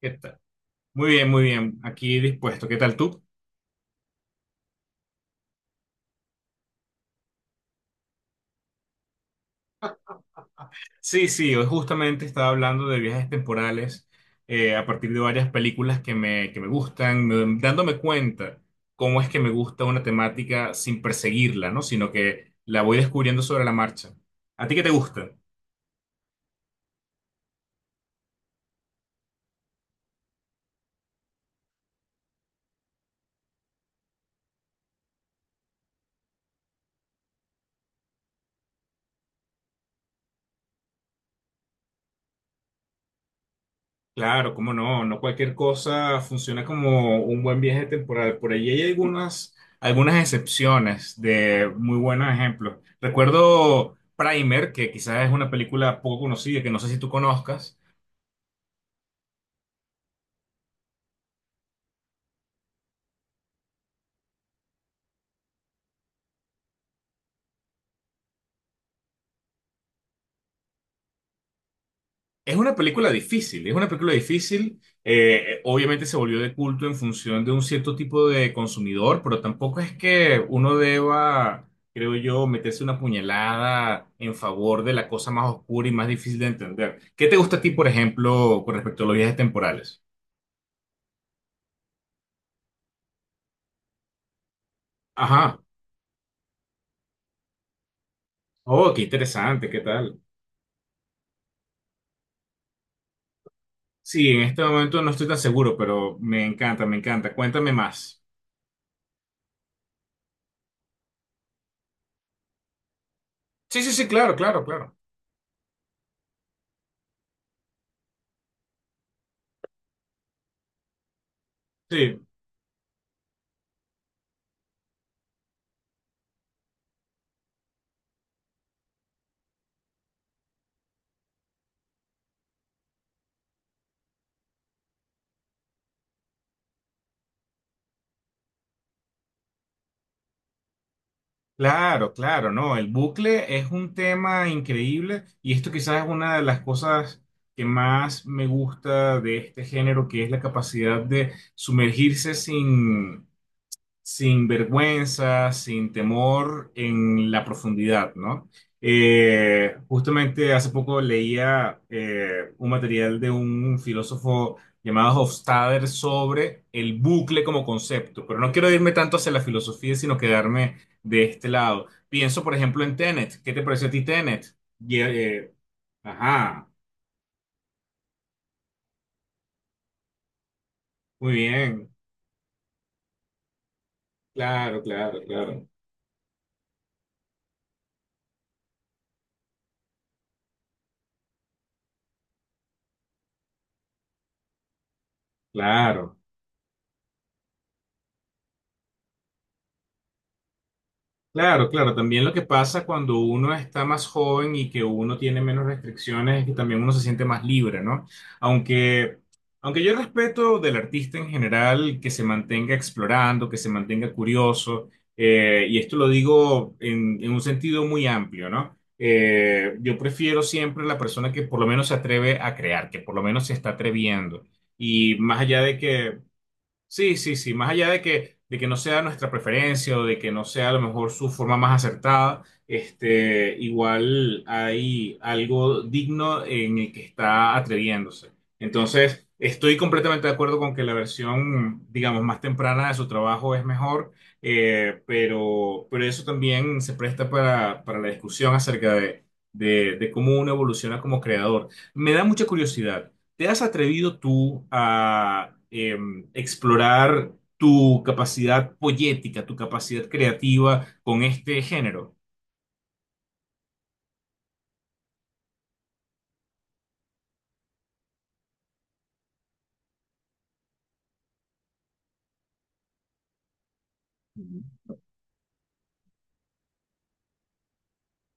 ¿Qué tal? Muy bien, muy bien. Aquí dispuesto. ¿Qué tal tú? Sí, sí, hoy justamente estaba hablando de viajes temporales a partir de varias películas que me gustan, dándome cuenta cómo es que me gusta una temática sin perseguirla, ¿no? Sino que la voy descubriendo sobre la marcha. ¿A ti qué te gusta? Claro, cómo no, no cualquier cosa funciona como un buen viaje temporal. Por allí hay algunas excepciones de muy buenos ejemplos. Recuerdo Primer, que quizás es una película poco conocida, que no sé si tú conozcas. Es una película difícil, es una película difícil. Obviamente se volvió de culto en función de un cierto tipo de consumidor, pero tampoco es que uno deba, creo yo, meterse una puñalada en favor de la cosa más oscura y más difícil de entender. ¿Qué te gusta a ti, por ejemplo, con respecto a los viajes temporales? Ajá. Oh, qué interesante, ¿qué tal? Sí, en este momento no estoy tan seguro, pero me encanta, me encanta. Cuéntame más. Sí, sí, sí, claro, claro, claro. Sí. Claro, claro, no, el bucle es un tema increíble y esto quizás es una de las cosas que más me gusta de este género, que es la capacidad de sumergirse sin, sin vergüenza, sin temor en la profundidad, ¿no? Justamente hace poco leía un material de un filósofo llamado Hofstadter sobre el bucle como concepto, pero no quiero irme tanto hacia la filosofía, sino quedarme de este lado. Pienso, por ejemplo, en Tenet. ¿Qué te pareció a ti Tenet? Y, eh, ajá, muy bien, claro, claro, claro, claro. Claro, claro. También lo que pasa cuando uno está más joven y que uno tiene menos restricciones es que también uno se siente más libre, ¿no? Aunque, aunque yo respeto del artista en general que se mantenga explorando, que se mantenga curioso, y esto lo digo en un sentido muy amplio, ¿no? Yo prefiero siempre la persona que por lo menos se atreve a crear, que por lo menos se está atreviendo. Y más allá de que, sí, sí, sí, más allá de que no sea nuestra preferencia o de que no sea a lo mejor su forma más acertada, este, igual hay algo digno en el que está atreviéndose. Entonces, estoy completamente de acuerdo con que la versión, digamos, más temprana de su trabajo es mejor, pero eso también se presta para la discusión acerca de, de cómo uno evoluciona como creador. Me da mucha curiosidad. ¿Te has atrevido tú a explorar tu capacidad poética, tu capacidad creativa con este género? Ujú.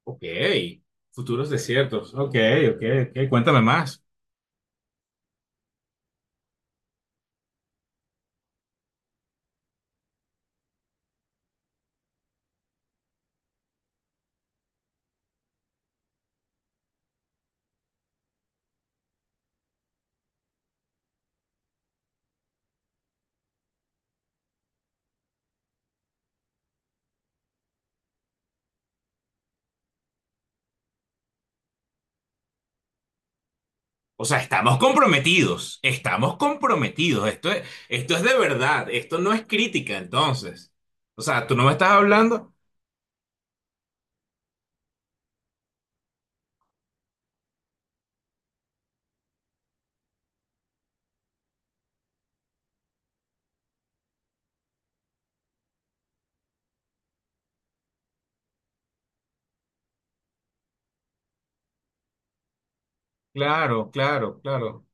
Ok, futuros desiertos. Ok, ok, ok. Cuéntame más. O sea, estamos comprometidos, estamos comprometidos. Esto es de verdad, esto no es crítica, entonces. O sea, tú no me estás hablando. Claro, claro, claro.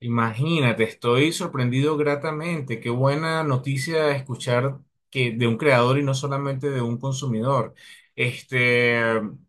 Imagínate, estoy sorprendido gratamente. Qué buena noticia escuchar que de un creador y no solamente de un consumidor. Este,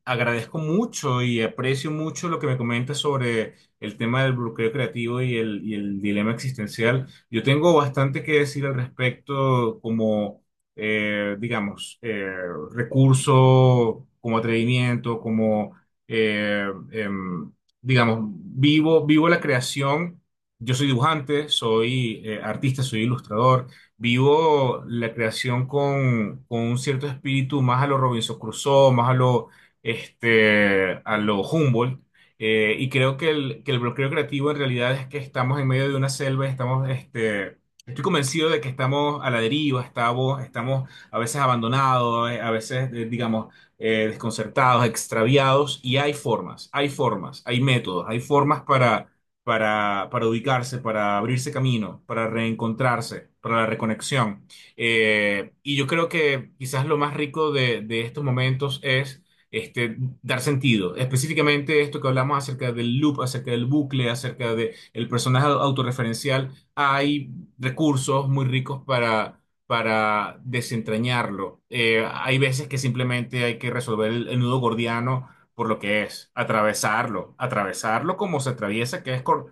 agradezco mucho y aprecio mucho lo que me comentas sobre el tema del bloqueo creativo y y el dilema existencial. Yo tengo bastante que decir al respecto como, digamos, recurso, como atrevimiento, como, eh, em, digamos, vivo, vivo la creación. Yo soy dibujante, soy artista, soy ilustrador, vivo la creación con un cierto espíritu más a lo Robinson Crusoe, más a lo, este, a lo Humboldt, y creo que que el bloqueo creativo en realidad es que estamos en medio de una selva, estamos, este, estoy convencido de que estamos a la deriva, estamos, estamos a veces abandonados, a veces, digamos, desconcertados, extraviados, y hay formas, hay formas, hay métodos, hay formas para para ubicarse, para abrirse camino, para reencontrarse, para la reconexión. Y yo creo que quizás lo más rico de estos momentos es este, dar sentido. Específicamente esto que hablamos acerca del loop, acerca del bucle, acerca del personaje autorreferencial, hay recursos muy ricos para desentrañarlo. Hay veces que simplemente hay que resolver el nudo gordiano por lo que es, atravesarlo, atravesarlo como se atraviesa, que es con...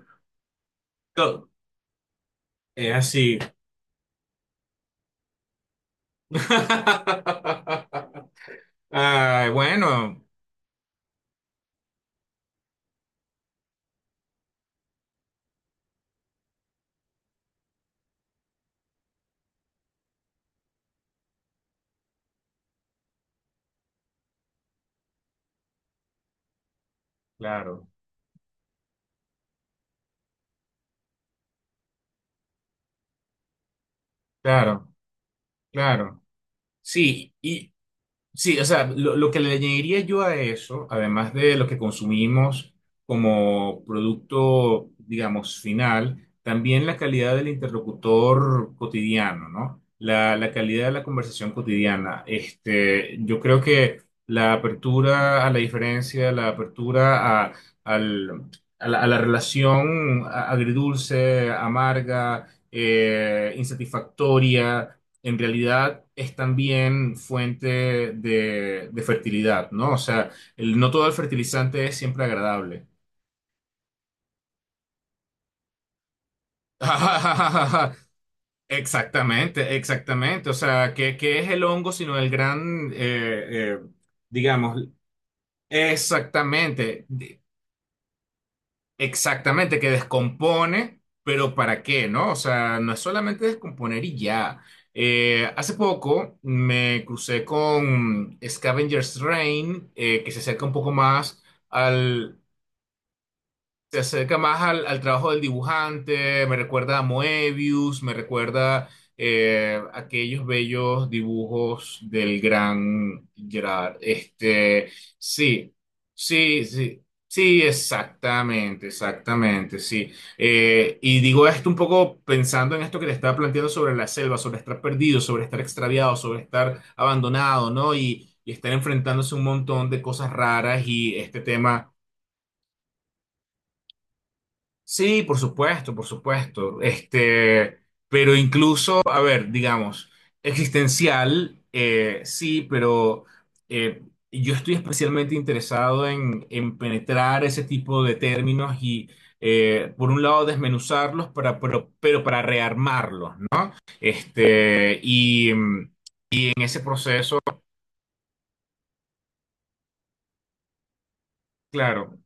todo. Es así. Ay, bueno, claro, claro, claro. Sí, y, sí, o sea, lo que le añadiría yo a eso, además de lo que consumimos como producto, digamos, final, también la calidad del interlocutor cotidiano, ¿no? La calidad de la conversación cotidiana. Este, yo creo que la apertura a la diferencia, la apertura a, al- a la relación agridulce, amarga, insatisfactoria en realidad es también fuente de fertilidad, ¿no? O sea, no todo el fertilizante es siempre agradable. Exactamente, exactamente. O sea, ¿qué, qué es el hongo sino el gran, eh, digamos, exactamente. Exactamente, que descompone, pero ¿para qué, no? O sea, no es solamente descomponer y ya. Hace poco me crucé con Scavenger's Reign, que se acerca un poco más, se acerca más al trabajo del dibujante, me recuerda a Moebius, me recuerda aquellos bellos dibujos del gran Gerard. Este, sí, sí, sí. Sí, exactamente, exactamente, sí. Y digo esto un poco pensando en esto que le estaba planteando sobre la selva, sobre estar perdido, sobre estar extraviado, sobre estar abandonado, ¿no? Y estar enfrentándose a un montón de cosas raras y este tema, sí, por supuesto, por supuesto. Este, pero incluso, a ver, digamos, existencial, sí, pero eh, yo estoy especialmente interesado en penetrar ese tipo de términos y, por un lado, desmenuzarlos pero para rearmarlos, ¿no? Este, en ese proceso, claro.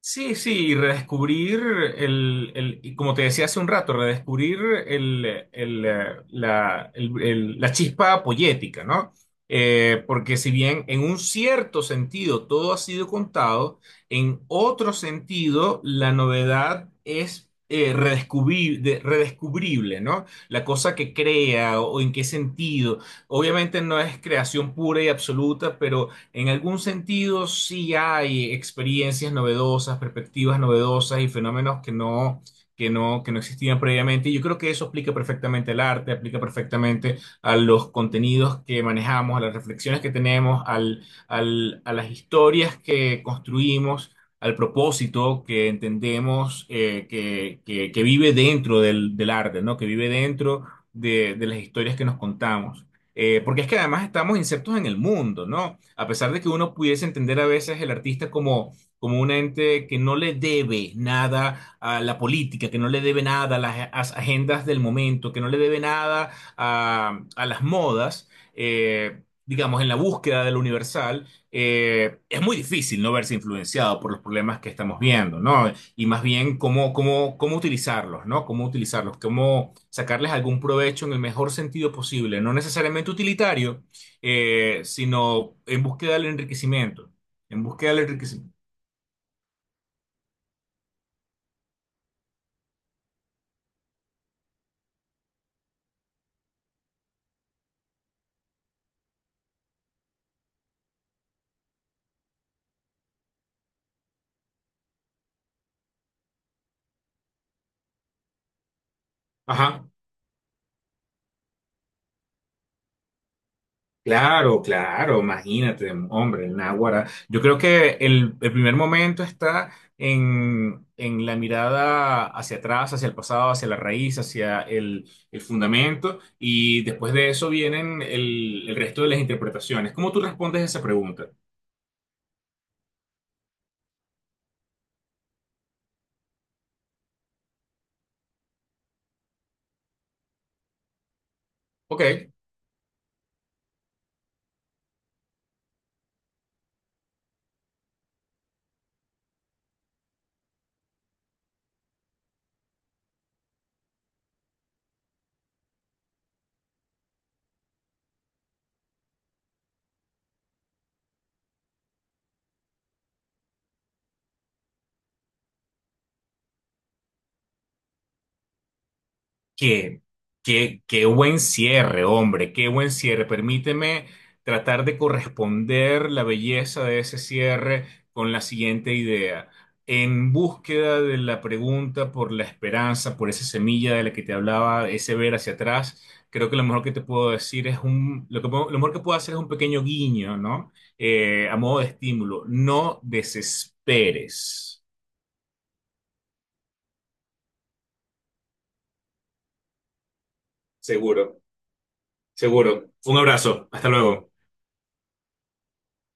Sí, sí, y redescubrir el, y como te decía hace un rato, redescubrir el, el, la chispa poética, ¿no? Porque si bien en un cierto sentido todo ha sido contado, en otro sentido la novedad es redescubrible, ¿no? La cosa que crea o en qué sentido. Obviamente no es creación pura y absoluta, pero en algún sentido, sí hay experiencias novedosas, perspectivas novedosas y fenómenos que no existían previamente. Y yo creo que eso aplica perfectamente al arte, aplica perfectamente a los contenidos que manejamos, a las reflexiones que tenemos, a las historias que construimos, al propósito que entendemos que vive dentro del, del arte, ¿no? Que vive dentro de las historias que nos contamos. Porque es que además estamos insertos en el mundo, ¿no? A pesar de que uno pudiese entender a veces el artista como, como un ente que no le debe nada a la política, que no le debe nada a agendas del momento, que no le debe nada a, a las modas, digamos, en la búsqueda de lo universal, es muy difícil no verse influenciado por los problemas que estamos viendo, ¿no? Y más bien cómo utilizarlos, ¿no? Cómo utilizarlos, cómo sacarles algún provecho en el mejor sentido posible, no necesariamente utilitario, sino en búsqueda del enriquecimiento, en búsqueda del enriquecimiento. Ajá, claro, claro, imagínate, hombre, el náguara. Yo creo que el primer momento está en la mirada hacia atrás, hacia el pasado, hacia la raíz, hacia el fundamento, y después de eso vienen el resto de las interpretaciones. ¿Cómo tú respondes a esa pregunta? Ok, qué, qué, qué buen cierre, hombre, qué buen cierre. Permíteme tratar de corresponder la belleza de ese cierre con la siguiente idea. En búsqueda de la pregunta por la esperanza, por esa semilla de la que te hablaba, ese ver hacia atrás, creo que lo mejor que te puedo decir es un, lo que, lo mejor que puedo hacer es un pequeño guiño, ¿no? A modo de estímulo. No desesperes. Seguro, seguro. Un abrazo. Hasta luego.